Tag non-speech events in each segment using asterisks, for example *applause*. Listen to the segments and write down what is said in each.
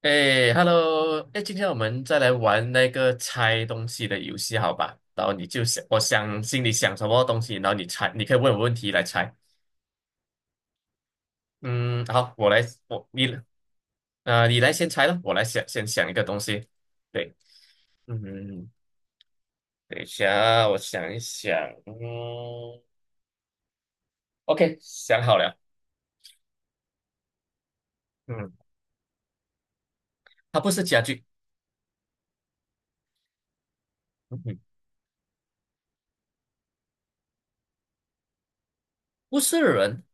哎，Hello，哎，今天我们再来玩那个猜东西的游戏，好吧？然后你就想，我想心里想什么东西，然后你猜，你可以问我问题来猜。嗯，好，我来，我你你来先猜了，我来想先想一个东西。对，嗯，等一下，我想一想，嗯，OK，想好了。嗯，它不是家具，嗯哼，不是人，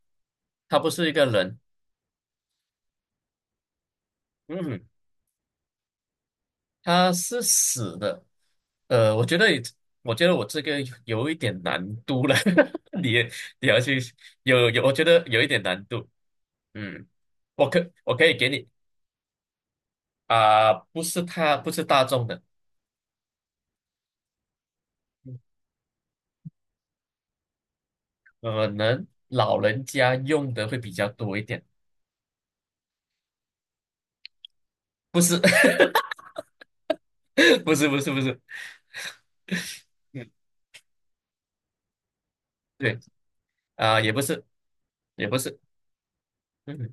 它不是一个人，嗯哼，它是死的，我觉得，我觉得我这个有一点难度了，*laughs* 你也你要去我觉得有一点难度。嗯，我可以给你不是他不是大众的，可能老人家用的会比较多一点，不是 *laughs* 不是，嗯，对也不是也不是，嗯，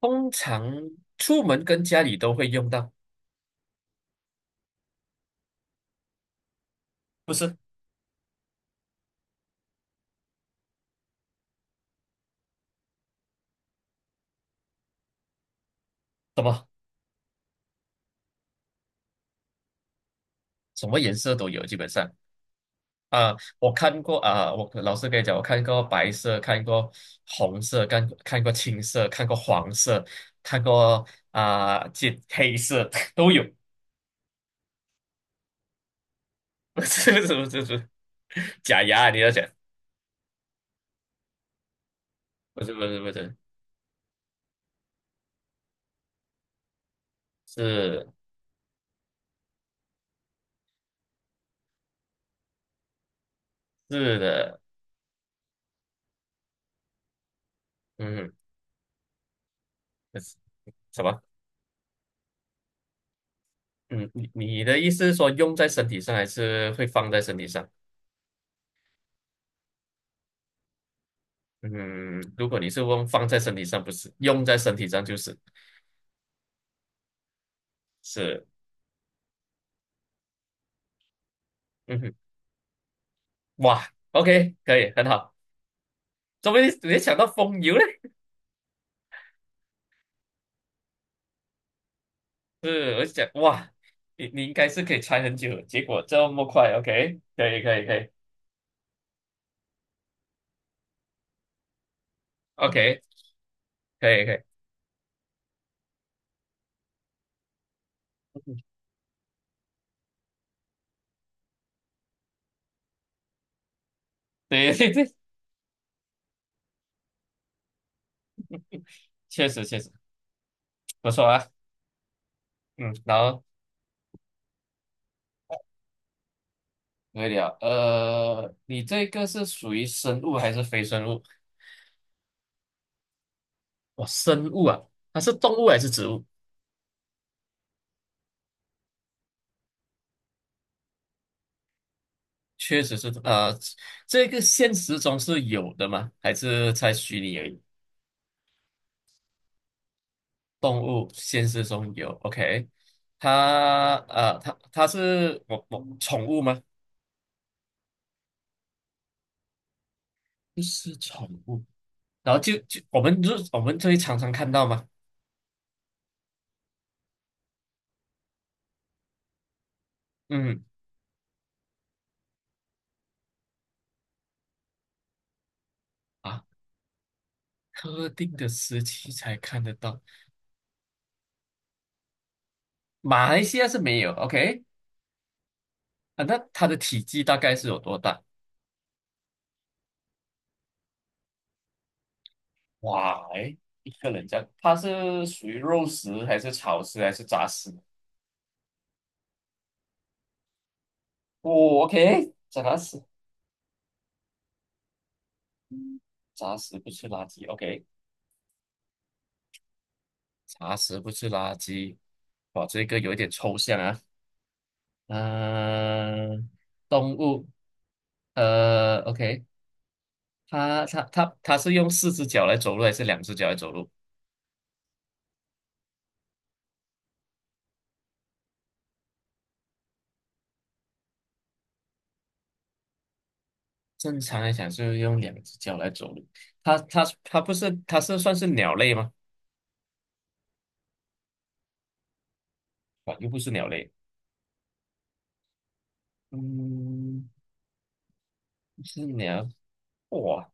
通常出门跟家里都会用到，不是什么什么颜色都有，基本上。啊，我看过啊，我老师跟你讲，我看过白色，看过红色，看过青色，看过黄色，看过啊，这黑色 *laughs* 都有。*laughs* 不是，假牙啊你要讲？不是，是是的，嗯，不是什么？嗯，你的意思是说用在身体上，还是会放在身体上？嗯，如果你是问放在身体上，不是用在身体上，就是是，嗯哼，哇，OK，可以，很好。怎么你想到风油嘞？是，我就想，哇，你应该是可以猜很久的结果这么快，OK，可以，OK，可以，*laughs* 对，确实确实不错啊，嗯，然后可以了，你这个是属于生物还是非生物？哇，生物啊，它是动物还是植物？确实是，呃，这个现实中是有的吗？还是在虚拟而已？动物现实中有，OK，它是我宠物吗？不是宠物，就我们就我们就会常常看到嘛，嗯啊，特定的时期才看得到，马来西亚是没有，OK。 啊，那它的体积大概是有多大？哇，诶一个人家，它是属于肉食还是草食还是杂食？哦，OK，杂食，杂食不吃垃圾，OK。茶食不是垃圾。哇，这个有一点抽象啊。嗯、动物，OK，它是用四只脚来走路还是两只脚来走路？正常来讲是用两只脚来走路。它不是它是算是鸟类吗？哇，又不是鸟类。嗯，不是鸟。哇，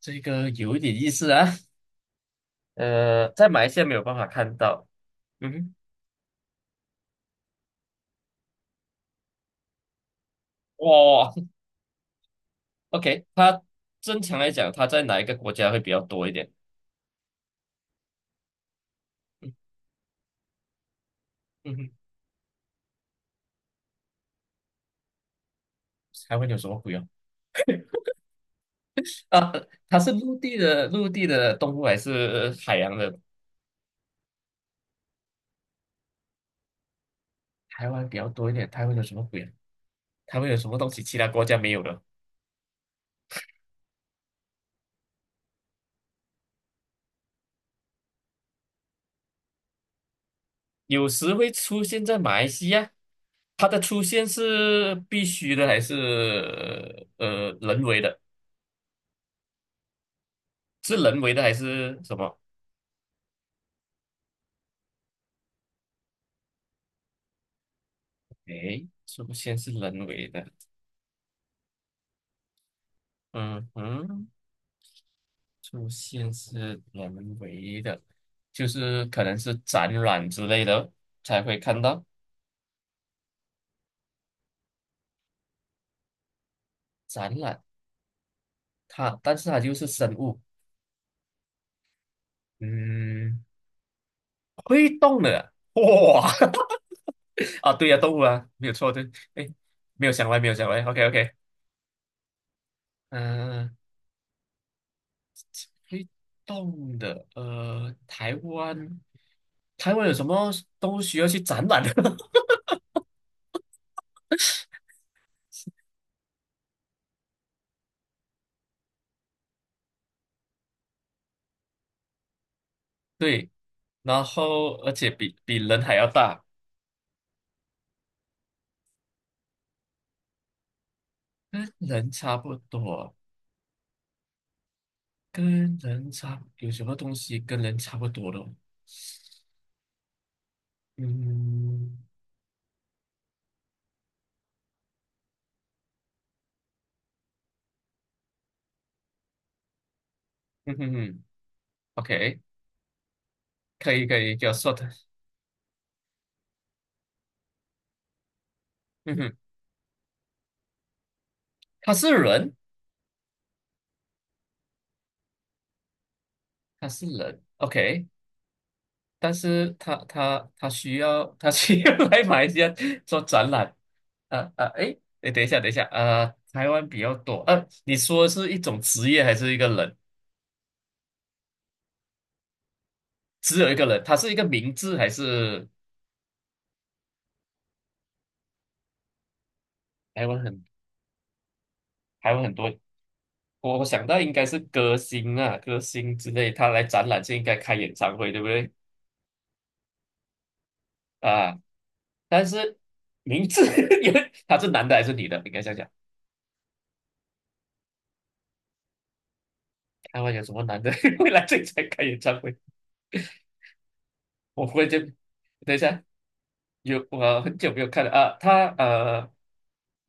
这个有一点意思啊。呃，在马来西亚没有办法看到。嗯哼，哇，OK，它正常来讲，它在哪一个国家会比较多一点？嗯嗯哼，还会有什么鬼啊？啊，它是陆地的动物还是海洋的？台湾比较多一点，台湾有什么鬼啊？台湾有什么东西其他国家没有的？有时会出现在马来西亚，它的出现是必须的还是人为的？是人为的还是什么？出现是人为的。嗯哼，出现是人为的，就是可能是展览之类的才会看到展览。它，但是它就是生物，嗯，会动的，哇，*laughs* 啊，对呀、动物啊，没有错，对，哎，没有想歪，没有想歪，OK OK，嗯、呃会动的，呃，台湾，台湾有什么动物需要去展览的？*laughs* 对，然后而且比人还要大，跟人差不多。跟人差有什么东西跟人差不多的哦嗯嗯哼哼，OK，可以，就要说的，嗯哼，他是人，他是人，OK，但是他需要*laughs* 来马来西亚做展览，啊啊，诶，诶，等一下，啊，台湾比较多，呃、你说是一种职业还是一个人？只有一个人，他是一个名字还是台湾台湾很多？我想到应该是歌星啊，歌星之类，他来展览就应该开演唱会，对不对？啊，但是名字 *laughs* 因为他是男的还是女的？应该想讲，台湾有什么男的 *laughs* 会来这里才开演唱会？我忽然间，等一下，有我很久没有看了啊，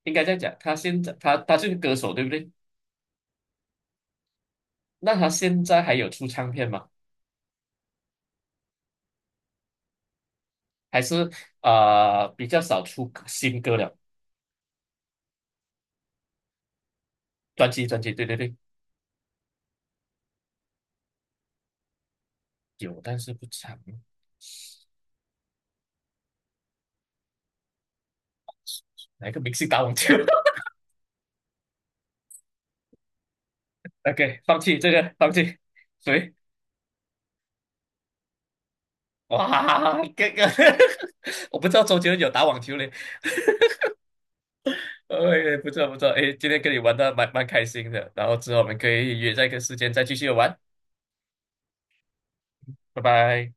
应该这样讲，他现在他是个歌手，对不对？那他现在还有出唱片吗？还是比较少出新歌了？专辑，对，有，但是不长。哪一个明星打网球？OK，放弃这个，放弃。谁？哇，这个 *laughs* 我不知道周杰伦有打网球嘞。哎，不错，哎，今天跟你玩的蛮开心的，然后之后我们可以约在一个时间再继续玩，拜拜。